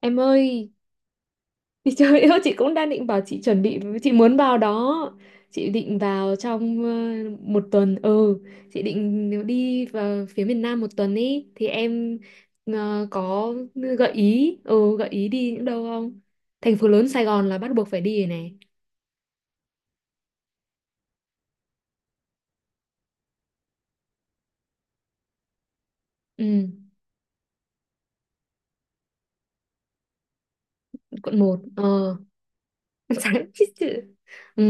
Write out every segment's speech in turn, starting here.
Em ơi, thì trời ơi chị cũng đang định bảo chị chuẩn bị chị muốn vào đó. Chị định vào trong một tuần. Ừ, chị định đi vào phía miền Nam một tuần ý thì em có gợi ý đi những đâu không? Thành phố lớn Sài Gòn là bắt buộc phải đi rồi này. Ừ, Quận 1. Ờ, sáng chết chữ. Ừ,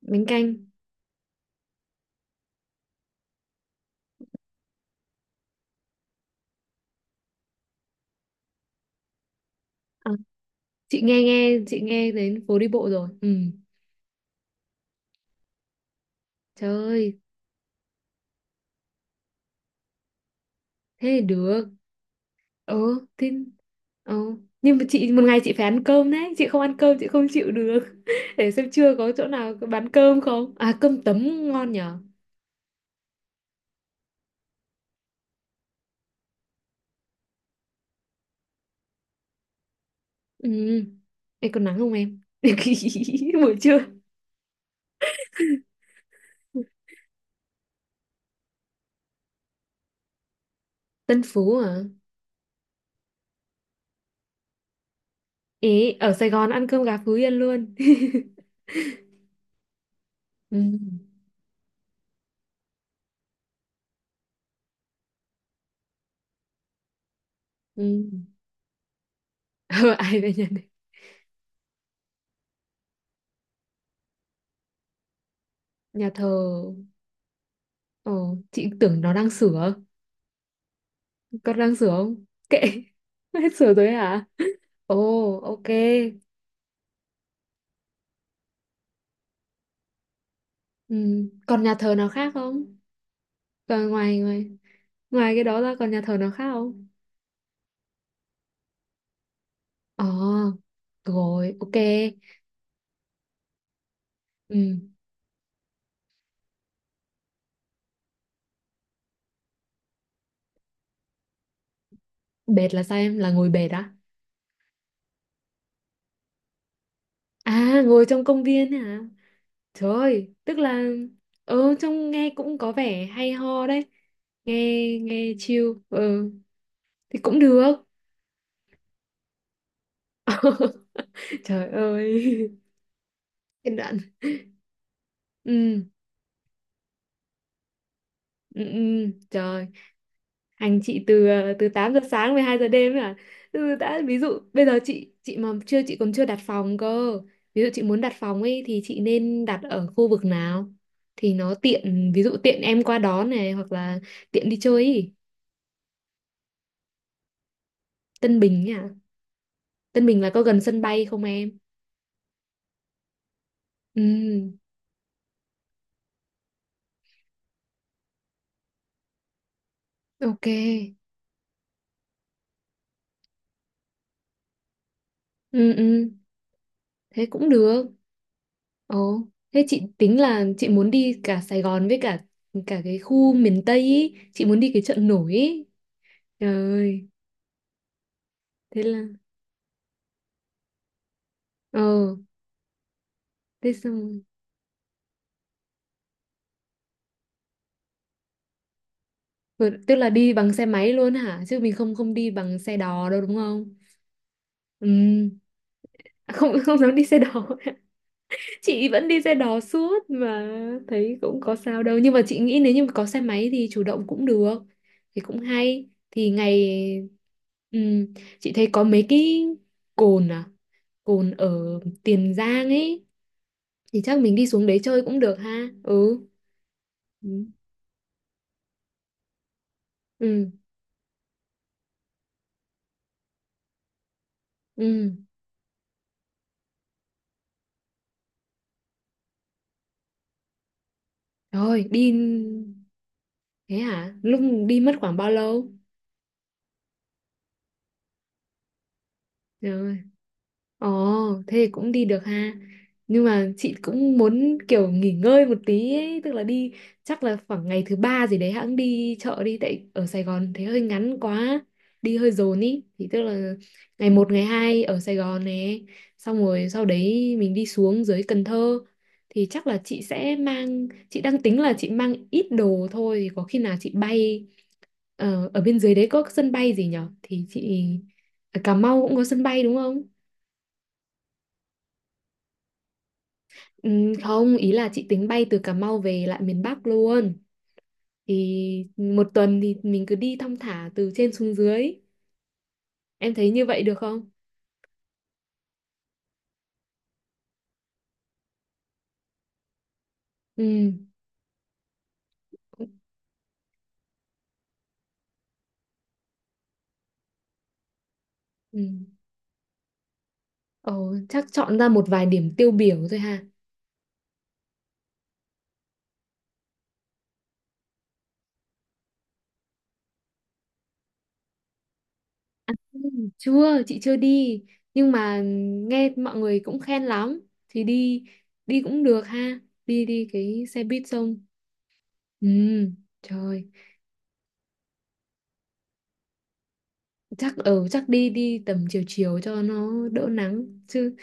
bánh canh. À, chị nghe nghe, chị nghe đến phố đi bộ rồi. Ừ. Trời ơi, thế thì được. Ừ thế, ừ. Nhưng mà chị một ngày chị phải ăn cơm đấy, chị không ăn cơm chị không chịu được. Để xem trưa có chỗ nào có bán cơm không, à cơm tấm ngon nhở. Ừ. Ê, còn nắng không em? Buổi trưa. Tân Phú à? Ý ở Sài Gòn ăn cơm gà Phú Yên luôn. Ừ, ừ. Ờ, ai về nhà, nhà thờ. ờ chị tưởng nó đang sửa, con đang sửa không, kệ. Hết sửa rồi hả? Ồ, ok. Ừ. Còn nhà thờ nào khác không? Còn ngoài ngoài ngoài cái đó ra còn nhà thờ nào khác không? Ờ, rồi, ok. Ừ. Bệt là sao em? Là ngồi bệt á? À, ngồi trong công viên ấy hả? Trời ơi, tức là, ừ, trông nghe cũng có vẻ hay ho đấy. Nghe nghe chill. Ừ, thì cũng được. Trời ơi. Cái đoạn. Ừ. Ừ, ừ, trời, hành chị từ từ 8 giờ sáng 12 giờ đêm ấy à. Ừ, đã ví dụ bây giờ chị mà chưa chị còn chưa đặt phòng cơ. Ví dụ chị muốn đặt phòng ấy thì chị nên đặt ở khu vực nào thì nó tiện, ví dụ tiện em qua đón này hoặc là tiện đi chơi ý. Tân Bình ấy à? Tân Bình là có gần sân bay không em? Ừ, ok. Ừ, ừ, thế cũng được. Ồ, thế chị tính là chị muốn đi cả Sài Gòn với cả cả cái khu miền Tây ý. Chị muốn đi cái chợ nổi ý. Trời ơi, thế là ờ, thế xong rồi. Ờ, tức là đi bằng xe máy luôn hả? Chứ mình không không đi bằng xe đò đâu đúng không? Ừ, à, không, không dám đi xe đò. Chị vẫn đi xe đò suốt mà thấy cũng có sao đâu. Nhưng mà chị nghĩ nếu như có xe máy thì chủ động cũng được. Thì cũng hay. Thì ngày, ừ, chị thấy có mấy cái cồn à? Cồn ở Tiền Giang ấy thì chắc mình đi xuống đấy chơi cũng được ha. Ừ. Ừ. ừ ừ rồi đi, thế hả lúc đi mất khoảng bao lâu? Rồi. Ồ, thế thì cũng đi được ha. Nhưng mà chị cũng muốn kiểu nghỉ ngơi một tí ấy, tức là đi chắc là khoảng ngày thứ ba gì đấy hãng đi chợ đi, tại ở Sài Gòn thế hơi ngắn quá, đi hơi dồn ý. Thì tức là ngày một ngày 2 ở Sài Gòn này, xong rồi sau đấy mình đi xuống dưới Cần Thơ thì chắc là chị sẽ mang, chị đang tính là chị mang ít đồ thôi thì có khi nào chị bay, ở bên dưới đấy có sân bay gì nhở. Thì chị ở Cà Mau cũng có sân bay đúng không? Ừ, không, ý là chị tính bay từ Cà Mau về lại miền Bắc luôn. Thì một tuần thì mình cứ đi thong thả từ trên xuống dưới. Em thấy như vậy được không? Ừ. Ừ. Ồ, chắc chọn ra một vài điểm tiêu biểu thôi ha. Ừ, chưa, chị chưa đi. Nhưng mà nghe mọi người cũng khen lắm. Thì đi, đi cũng được ha. Đi đi cái xe buýt xong. Ừ, trời. Chắc ở, chắc đi đi tầm chiều chiều cho nó đỡ nắng chứ.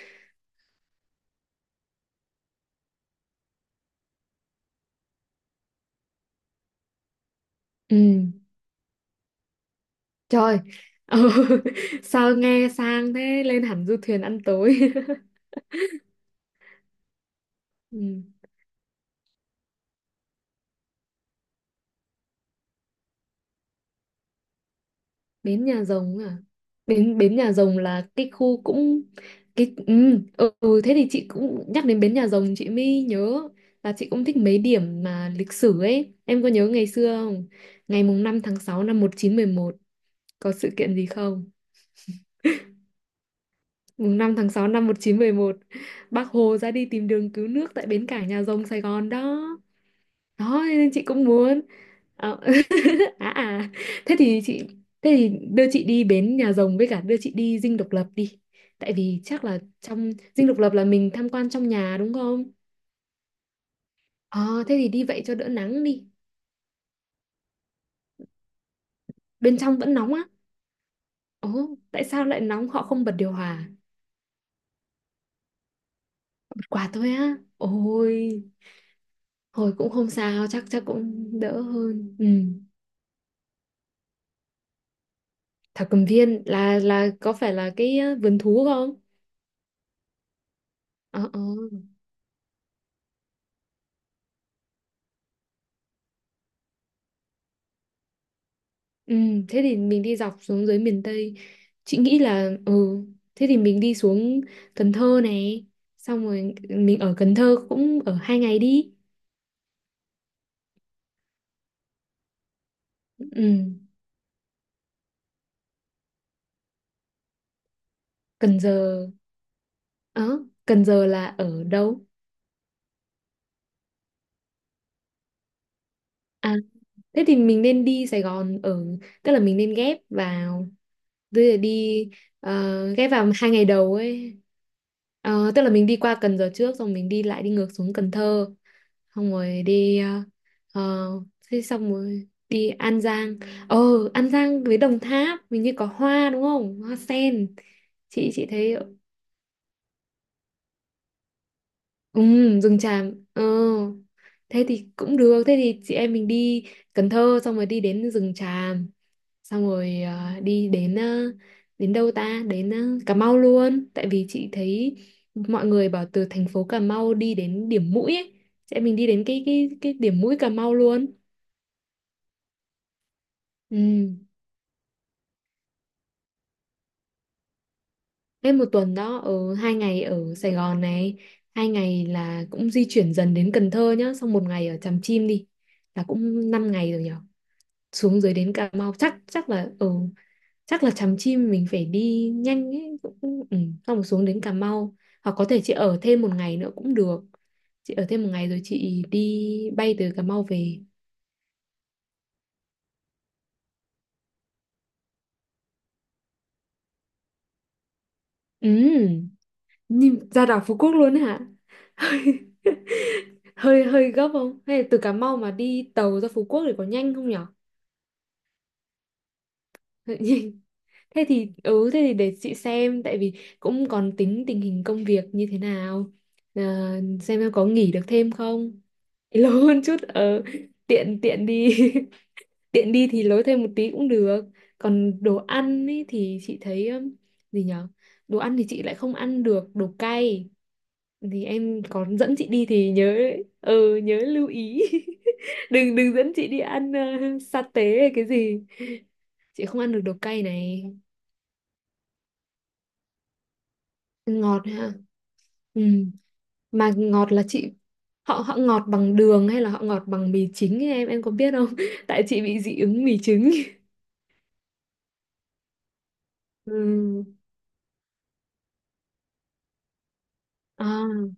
Ừ. Trời, ừ. Sao nghe sang thế, lên hẳn du thuyền ăn tối. Ừ. Bến Nhà Rồng à? Bến Bến Nhà Rồng là cái khu cũng cái, ừ, ừ ừ, thế thì chị cũng nhắc đến Bến Nhà Rồng chị mới nhớ là chị cũng thích mấy điểm mà lịch sử ấy. Em có nhớ ngày xưa không? Ngày 5/6/1911 có sự kiện gì không? 5/6/1911 Bác Hồ ra đi tìm đường cứu nước tại bến cảng Nhà Rồng Sài Gòn đó. Đó nên chị cũng muốn. Ờ, à, à, thế thì chị, thế thì đưa chị đi bến Nhà Rồng với cả đưa chị đi Dinh Độc Lập đi, tại vì chắc là trong Dinh Độc Lập là mình tham quan trong nhà đúng không. Ờ thế thì đi vậy cho đỡ nắng đi. Bên trong vẫn nóng á? Ồ tại sao lại nóng, họ không bật điều hòa? Bật quạt thôi á? Ôi hồi cũng không sao, chắc chắc cũng đỡ hơn. Ừ. Thảo Cầm Viên là có phải là cái vườn thú không? Ờ, ờ. Ừ, thế thì mình đi dọc xuống dưới miền Tây. Chị nghĩ là, ừ, thế thì mình đi xuống Cần Thơ này, xong rồi mình ở Cần Thơ cũng ở 2 ngày đi. Ừ, Cần Giờ, ờ, Cần Giờ là ở đâu? À, thế thì mình nên đi Sài Gòn ở, tức là mình nên ghép vào, tức là đi ghép vào 2 ngày đầu ấy. Ờ, tức là mình đi qua Cần Giờ trước, xong mình đi lại đi ngược xuống Cần Thơ, xong rồi đi ờ, thế xong rồi đi An Giang. Ờ, An Giang với Đồng Tháp mình như có hoa đúng không, hoa sen? Chị thấy, ừ, rừng tràm. Ờ Thế thì cũng được, thế thì chị em mình đi Cần Thơ xong rồi đi đến rừng tràm, xong rồi đi đến đến đâu ta, đến Cà Mau luôn tại vì chị thấy mọi người bảo từ thành phố Cà Mau đi đến điểm mũi ấy, chị em mình đi đến cái điểm mũi Cà Mau luôn. Ừ. Lên một tuần đó, ở 2 ngày ở Sài Gòn này, 2 ngày là cũng di chuyển dần đến Cần Thơ nhá, xong một ngày ở Tràm Chim đi. Là cũng 5 ngày rồi nhở. Xuống dưới đến Cà Mau chắc chắc là ở, chắc là Tràm Chim mình phải đi nhanh ấy cũng, ừ, xong rồi xuống đến Cà Mau. Hoặc có thể chị ở thêm một ngày nữa cũng được. Chị ở thêm một ngày rồi chị đi bay từ Cà Mau về. Ừ. Nhìn ra đảo Phú Quốc luôn hả? Hơi hơi hơi gấp không? Hay là từ Cà Mau mà đi tàu ra Phú Quốc thì có nhanh không nhở? Hơi nhanh. Thế thì ừ thế thì để chị xem tại vì cũng còn tính tình hình công việc như thế nào. Ờ, xem em có nghỉ được thêm không? Lâu hơn chút. Ờ, tiện tiện đi. Tiện đi thì lối thêm một tí cũng được. Còn đồ ăn ý thì chị thấy, gì nhở? Đồ ăn thì chị lại không ăn được đồ cay, thì em có dẫn chị đi thì nhớ. Ừ nhớ lưu ý. đừng đừng dẫn chị đi ăn sa tế hay cái gì, chị không ăn được đồ cay này. Ngọt ha. Ừ. Mà ngọt là chị, họ họ ngọt bằng đường hay là họ ngọt bằng mì chính ấy, em có biết không? Tại chị bị dị ứng mì trứng. Ừ. À.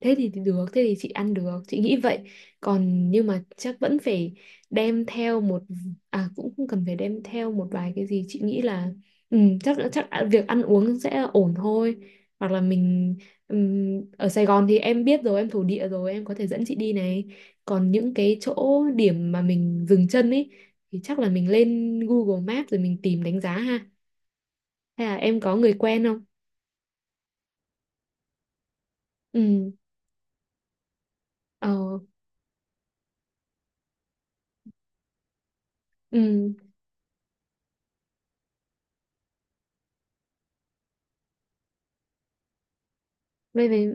Thế thì được, thế thì chị ăn được chị nghĩ vậy. Còn nhưng mà chắc vẫn phải đem theo một, à cũng không cần phải đem theo một vài cái gì, chị nghĩ là, ừ, chắc chắc việc ăn uống sẽ ổn thôi. Hoặc là mình, ở Sài Gòn thì em biết rồi, em thổ địa rồi, em có thể dẫn chị đi này. Còn những cái chỗ điểm mà mình dừng chân ấy thì chắc là mình lên Google Maps rồi mình tìm đánh giá ha. Hay là em có người quen không? Ừ. Ờ. Ừ. Vậy phải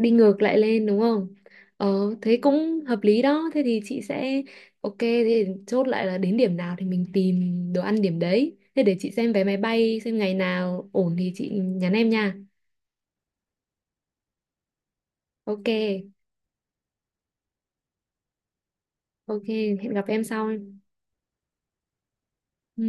đi ngược lại lên đúng không? Ờ thế cũng hợp lý đó, thế thì chị sẽ, ok thế thì chốt lại là đến điểm nào thì mình tìm đồ ăn điểm đấy, thế để chị xem vé máy bay xem ngày nào ổn thì chị nhắn em nha. Ok. Ok. Hẹn gặp em sau. Ừ.